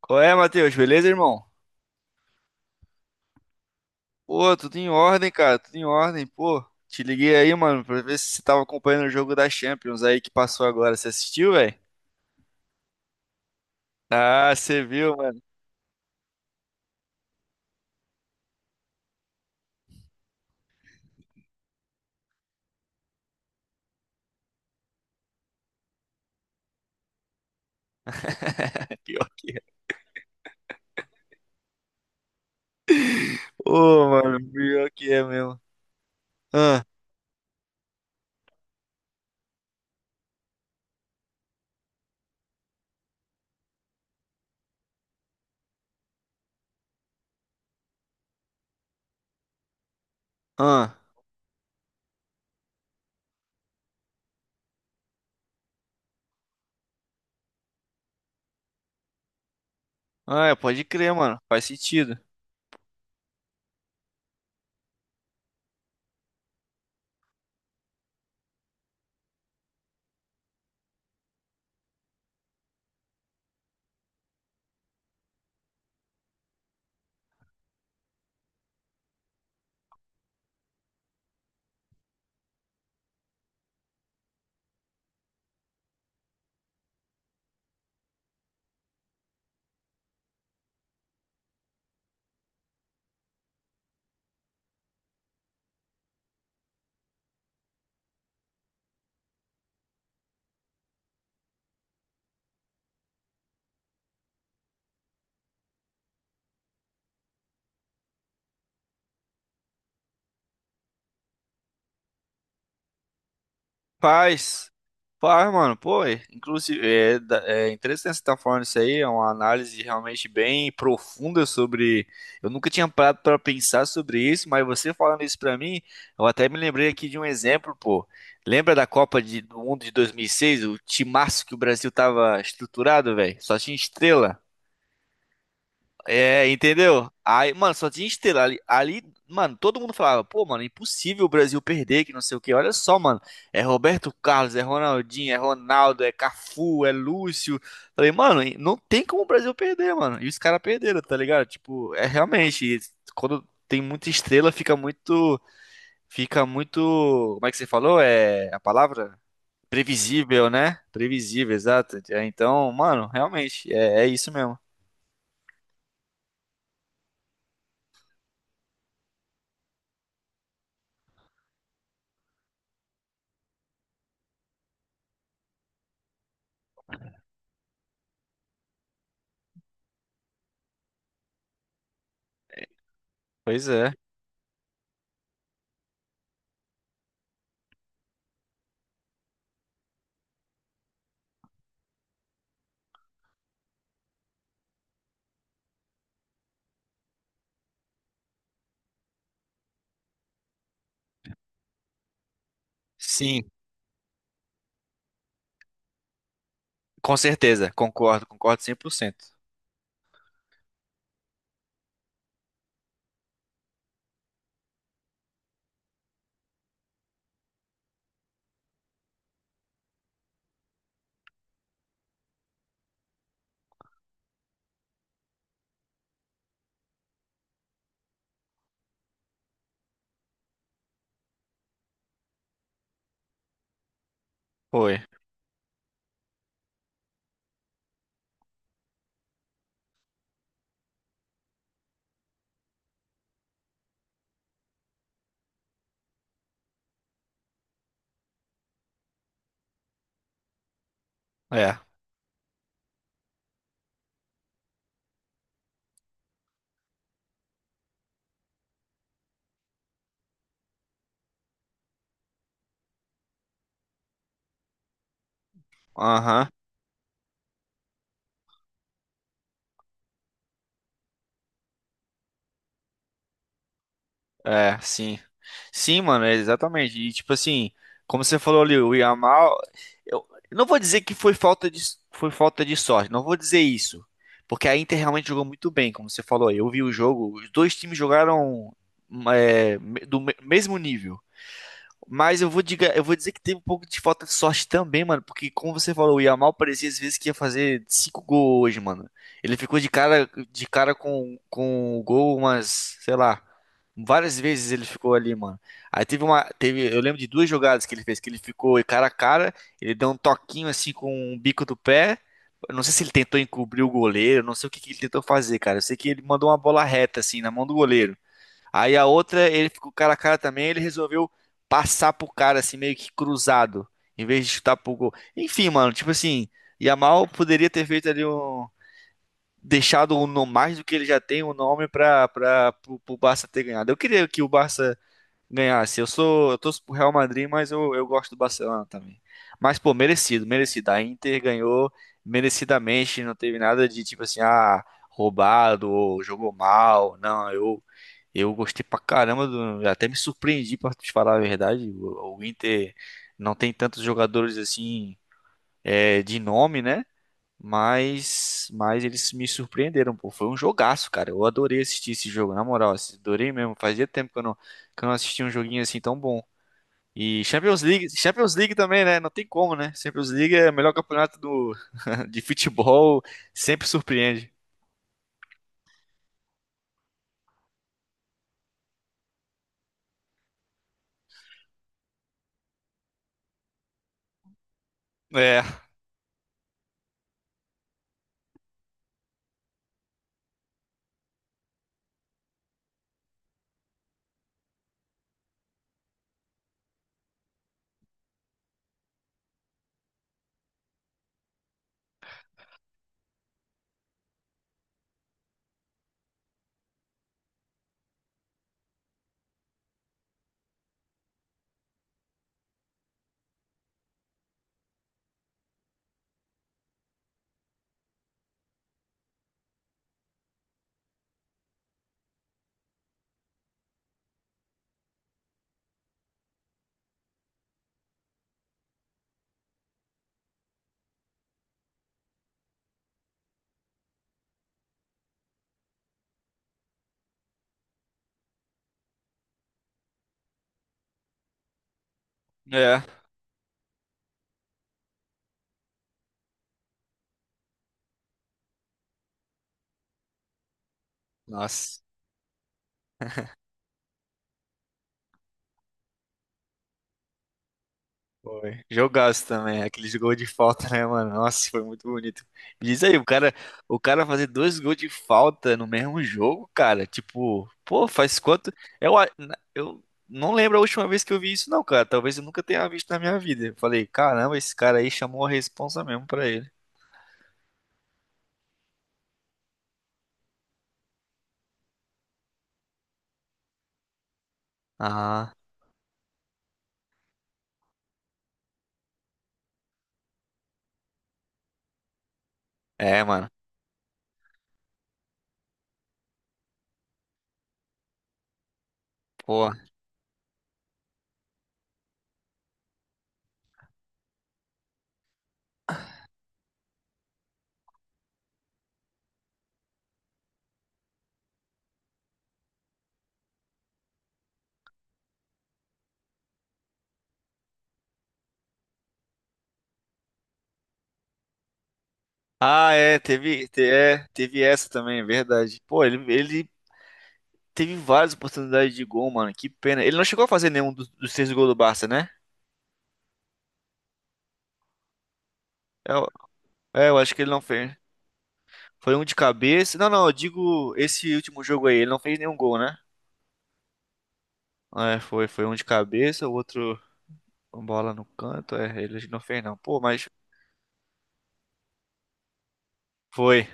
Qual é, Matheus? Beleza, irmão? Pô, tudo em ordem, cara, tudo em ordem. Pô, te liguei aí, mano, pra ver se você tava acompanhando o jogo da Champions aí que passou agora. Você assistiu, velho? Ah, você viu, mano. Pior que é. Ô, mano, pior que é mesmo. Ah, ah, ah, é, pode crer, mano. Faz sentido. Paz, paz, mano, pô, é, inclusive, é, é interessante você estar falando isso aí, é uma análise realmente bem profunda sobre, eu nunca tinha parado para pensar sobre isso, mas você falando isso pra mim, eu até me lembrei aqui de um exemplo, pô, lembra da Copa do Mundo de 2006? O timaço que o Brasil tava estruturado, velho, só tinha estrela, é, entendeu? Aí, mano, só tinha estrela ali, ali, mano, todo mundo falava, pô, mano, é impossível o Brasil perder, que não sei o quê. Olha só, mano, é Roberto Carlos, é Ronaldinho, é Ronaldo, é Cafu, é Lúcio. Falei, mano, não tem como o Brasil perder, mano. E os caras perderam, tá ligado? Tipo, é realmente, quando tem muita estrela, fica muito, como é que você falou? É a palavra? Previsível, né? Previsível, exato. É, então, mano, realmente, é, é isso mesmo. Pois é. Sim, com certeza, concordo, concordo 100%. Foi. É. Aham. É, sim. Sim, mano, é exatamente. E tipo assim, como você falou ali, o Yamal, eu não vou dizer que foi falta de sorte, não vou dizer isso. Porque a Inter realmente jogou muito bem, como você falou aí. Eu vi o jogo, os dois times jogaram é, mesmo nível. Mas eu vou dizer que teve um pouco de falta de sorte também, mano. Porque, como você falou, o Yamal parecia às vezes que ia fazer cinco gols hoje, mano. Ele ficou de cara com o gol umas, sei lá, várias vezes ele ficou ali, mano. Aí teve uma. Teve, eu lembro de duas jogadas que ele fez, que ele ficou cara a cara, ele deu um toquinho assim com o bico do pé. Eu não sei se ele tentou encobrir o goleiro, não sei o que que ele tentou fazer, cara. Eu sei que ele mandou uma bola reta, assim, na mão do goleiro. Aí a outra, ele ficou cara a cara também, ele resolveu passar pro cara, assim, meio que cruzado, em vez de chutar pro gol. Enfim, mano, tipo assim, Yamal poderia ter feito ali um. Deixado um no mais do que ele já tem, um nome pra, pro Barça ter ganhado. Eu queria que o Barça ganhasse. Eu torço pro Real Madrid, mas eu gosto do Barcelona também. Mas, pô, merecido, merecido. A Inter ganhou merecidamente, não teve nada de tipo assim, ah, roubado ou jogou mal. Não, eu gostei pra caramba do, até me surpreendi pra te falar a verdade. O Inter não tem tantos jogadores assim é, de nome, né? Mas, eles me surpreenderam, pô. Foi um jogaço, cara. Eu adorei assistir esse jogo, na moral. Assim, adorei mesmo. Fazia tempo que eu não assistia um joguinho assim tão bom. E Champions League, Champions League também, né? Não tem como, né? Champions League é o melhor campeonato do, de futebol, sempre surpreende. É, é. Nossa. Foi. Jogaço também, aqueles gols de falta, né, mano? Nossa, foi muito bonito. E diz aí, o cara fazer dois gols de falta no mesmo jogo, cara, tipo, pô, faz quanto? Eu, eu não lembro a última vez que eu vi isso, não, cara. Talvez eu nunca tenha visto na minha vida. Eu falei, caramba, esse cara aí chamou a responsa mesmo pra ele. Ah, é, mano. Pô. Ah, é, teve, teve essa também, é verdade. Pô, ele teve várias oportunidades de gol, mano. Que pena. Ele não chegou a fazer nenhum dos, seis gols do Barça, né? É, é, eu acho que ele não fez. Foi um de cabeça. Não, não, eu digo esse último jogo aí, ele não fez nenhum gol, né? É, foi, um de cabeça, o outro uma bola no canto, é, ele não fez não. Pô, mas foi.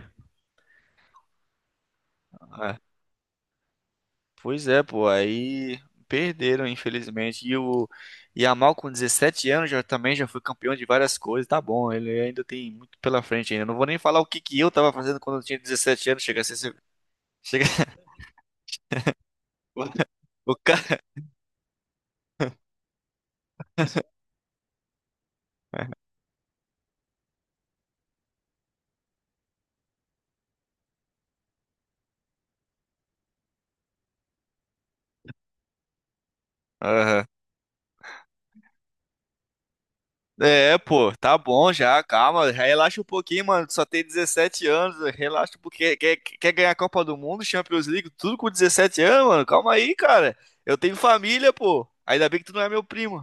É. Pois é, pô, aí perderam, infelizmente. E o Yamal com 17 anos já também já foi campeão de várias coisas, tá bom, ele ainda tem muito pela frente ainda. Não vou nem falar o que que eu tava fazendo quando eu tinha 17 anos, chega a ser... Chega... O cara... É, pô, tá bom já, calma, relaxa um pouquinho, mano. Só tem 17 anos, relaxa um pouquinho. Quer ganhar a Copa do Mundo, Champions League, tudo com 17 anos, mano. Calma aí, cara. Eu tenho família, pô. Ainda bem que tu não é meu primo.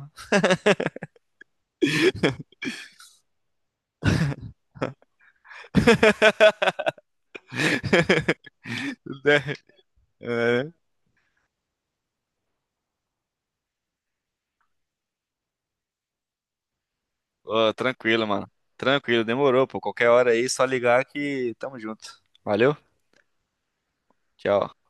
Né? É. Ó, tranquilo, mano. Tranquilo, demorou, pô. Qualquer hora aí, só ligar que tamo junto. Valeu, tchau.